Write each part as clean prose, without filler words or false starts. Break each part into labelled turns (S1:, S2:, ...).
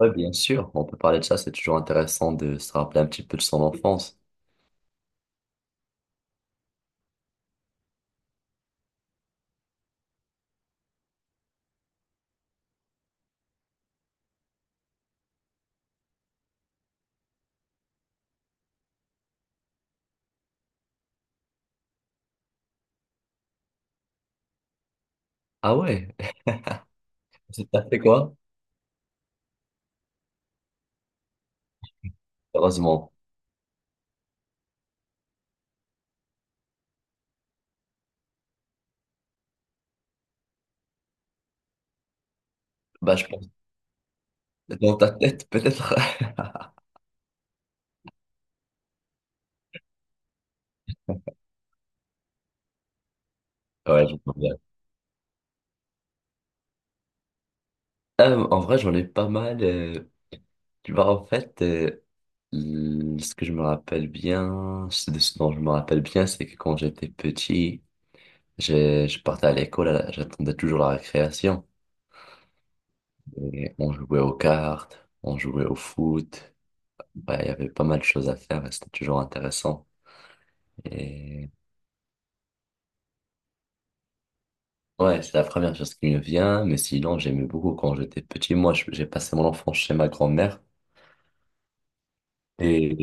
S1: Ouais, bien sûr. Bon, on peut parler de ça, c'est toujours intéressant de se rappeler un petit peu de son enfance. Ah ouais. T'as fait quoi? Heureusement. Bah, je pense, dans ta tête, peut-être. Ouais, je vois bien. En vrai, j'en ai pas mal. Tu vois, en fait, ce que je me rappelle bien, ce de ce dont je me rappelle bien, c'est que quand j'étais petit, je partais à l'école, j'attendais toujours la récréation. Et on jouait aux cartes, on jouait au foot. Bah, il y avait pas mal de choses à faire et c'était toujours intéressant. Et ouais, c'est la première chose qui me vient, mais sinon, j'aimais beaucoup quand j'étais petit. Moi, j'ai passé mon enfance chez ma grand-mère. Et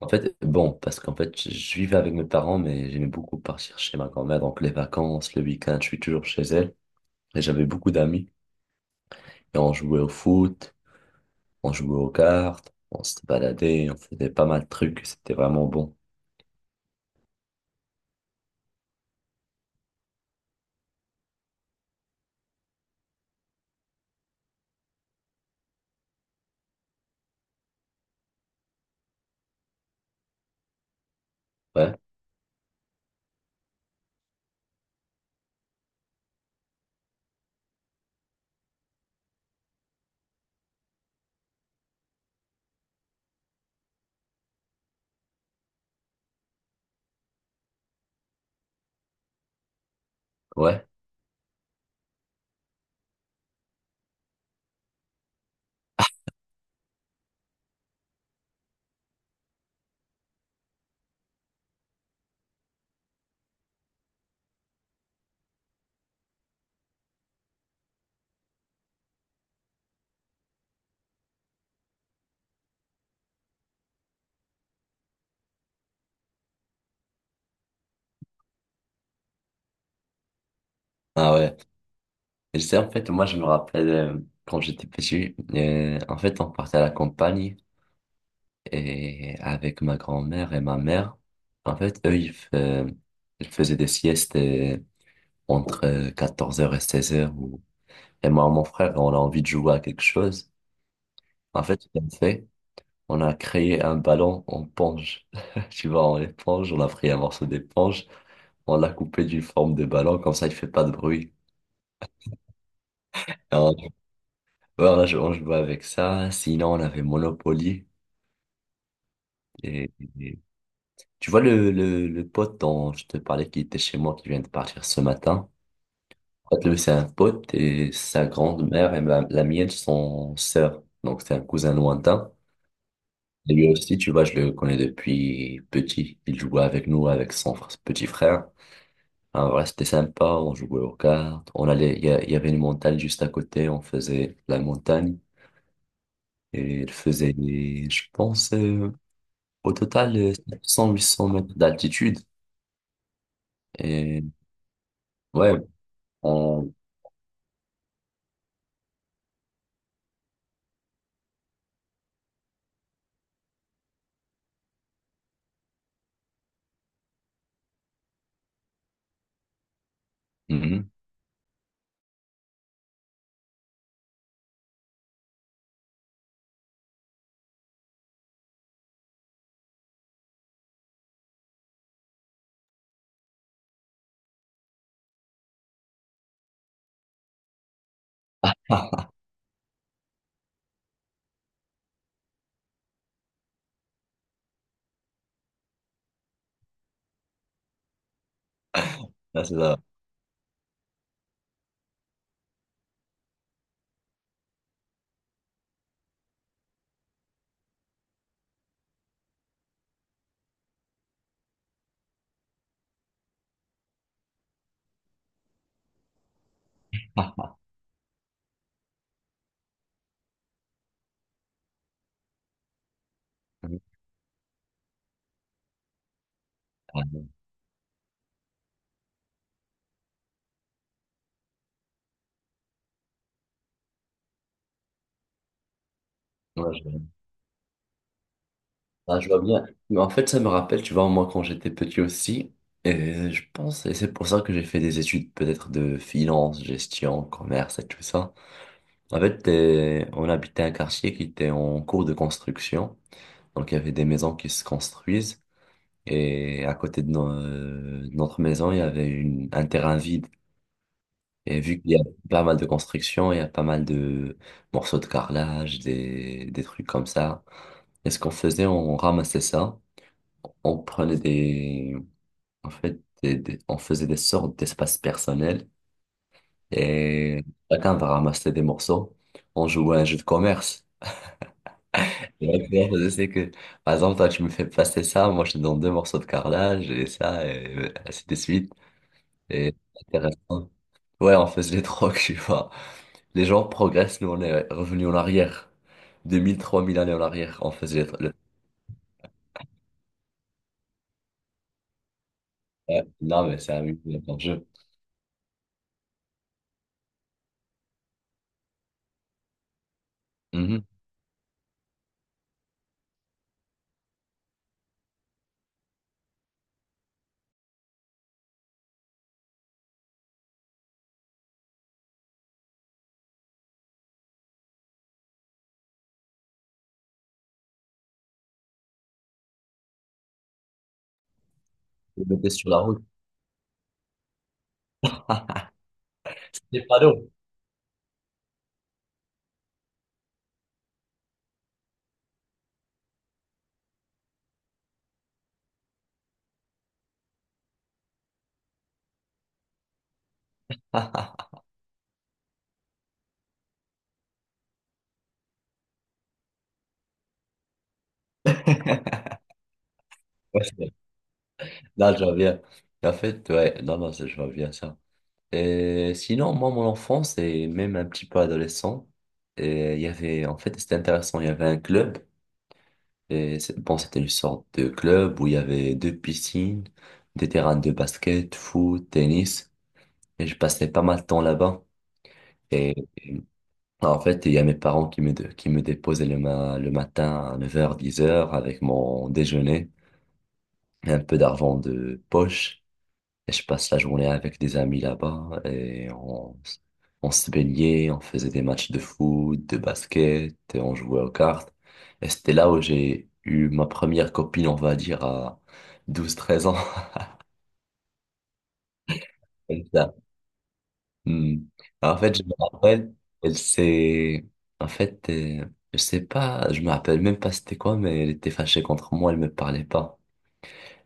S1: en fait, bon, parce qu'en fait, je vivais avec mes parents, mais j'aimais beaucoup partir chez ma grand-mère. Donc, les vacances, le week-end, je suis toujours chez elle. Et j'avais beaucoup d'amis. Et on jouait au foot, on jouait aux cartes, on se baladait, on faisait pas mal de trucs. C'était vraiment bon. Ouais, ouais. Ah ouais. Et c'est en fait, moi, je me rappelle quand j'étais petit, en fait, on partait à la campagne. Et avec ma grand-mère et ma mère, en fait, eux, ils ils faisaient des siestes entre quatorze heures et seize heures. Ou... Et moi, mon frère, on a envie de jouer à quelque chose. En fait, ce qu'on fait, on a créé un ballon en ponge. Tu vois, en éponge, on a pris un morceau d'éponge, on l'a coupé d'une forme de ballon, comme ça, il fait pas de bruit. Et voilà, on jouait avec ça. Sinon, on avait Monopoly. Et, et- tu vois le pote dont je te parlais qui était chez moi, qui vient de partir ce matin? En fait, lui, c'est un pote et sa grand-mère et la mienne sont sœurs. Donc, c'est un cousin lointain. Et lui aussi, tu vois, je le connais depuis petit. Il jouait avec nous, avec son petit frère. Alors, voilà, c'était sympa. On jouait aux cartes. On allait, il y avait une montagne juste à côté. On faisait la montagne. Et il faisait, je pense, au total, sept cents, huit cents mètres d'altitude. Et ouais, on... Mhm. Ah, c'est ça. Ouais. Ah, je vois bien. Mais en fait, ça me rappelle, tu vois, moi, quand j'étais petit aussi, et je pense, et c'est pour ça que j'ai fait des études peut-être de finance, gestion, commerce et tout ça. En fait, on habitait un quartier qui était en cours de construction. Donc, il y avait des maisons qui se construisent. Et à côté de, de notre maison, il y avait un terrain vide. Et vu qu'il y a pas mal de construction, il y a pas mal de morceaux de carrelage, des trucs comme ça. Et ce qu'on faisait, on ramassait ça on prenait en fait, on faisait des sortes d'espaces personnels et chacun va ramasser des morceaux. On jouait à un jeu de commerce. Et là, tu vois, je sais que, par exemple, toi, tu me fais passer ça, moi, je te donne deux morceaux de carrelage et ça, et ainsi de suite. Et c'est intéressant. Ouais, on faisait des trocs, tu vois. Les gens progressent, nous, on est revenus en arrière. Deux mille trois mille années en arrière, on faisait le. Ouais, non, mais c'est amusant, comme jeu. Mhm. On était sur la route. C'est pas d'eau. Ouais, là, je vois. En fait, ouais, non, non, je vois bien ça. Et sinon, moi, mon enfance et même un petit peu adolescent, et il y avait, en fait, c'était intéressant, il y avait un club, et bon, c'était une sorte de club où il y avait deux piscines, des terrains de basket, foot, tennis, et je passais pas mal de temps là-bas. Et, et, en fait, il y a mes parents qui qui me déposaient le matin à 9h, 10h avec mon déjeuner, et un peu d'argent de poche. Et je passe la journée avec des amis là-bas et on se baignait, on faisait des matchs de foot, de basket, et on jouait aux cartes. Et c'était là où j'ai eu ma première copine, on va dire, à douze treize ans. Comme ça. Hmm. Alors, en fait, je me rappelle, elle s'est... En fait, je sais pas, je me rappelle même pas c'était quoi, mais elle était fâchée contre moi, elle me parlait pas.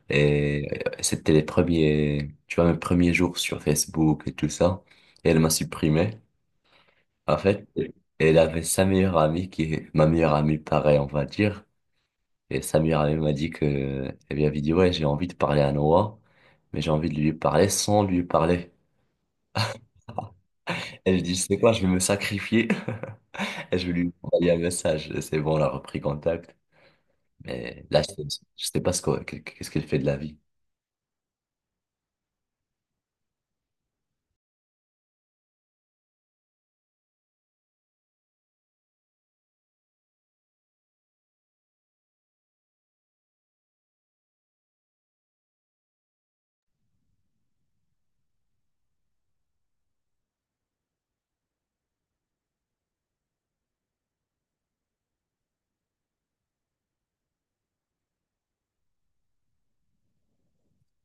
S1: Et c'était les premiers, tu vois, mes premiers jours sur Facebook et tout ça. Et elle m'a supprimé. En fait, elle avait sa meilleure amie qui est ma meilleure amie, pareil, on va dire. Et sa meilleure amie m'a dit que, elle lui avait dit, ouais, j'ai envie de parler à Noah, mais j'ai envie de lui parler sans lui parler. Elle dit, c'est quoi, je vais me sacrifier. Et je vais lui envoyer un message. Et c'est bon, on a repris contact. Mais là, je sais pas ce qu'est-ce qu'elle fait de la vie.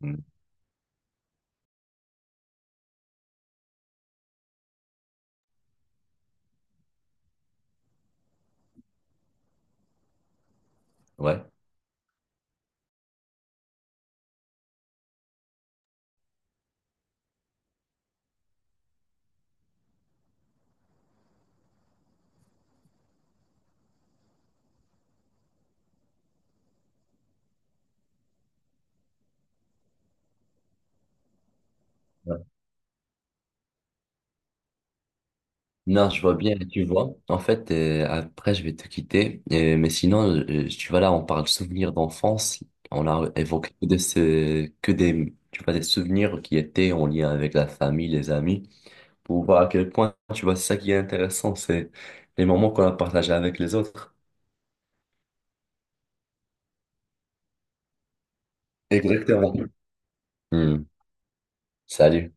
S1: Hmm. Ouais. Non, je vois bien, tu vois. En fait, après, je vais te quitter. Mais sinon, tu vois, là, on parle souvenirs d'enfance. On a évoqué que, de ce, que des, tu vois, des souvenirs qui étaient en lien avec la famille, les amis, pour voir à quel point, tu vois, c'est ça qui est intéressant, c'est les moments qu'on a partagés avec les autres. Exactement. Hmm. Salut.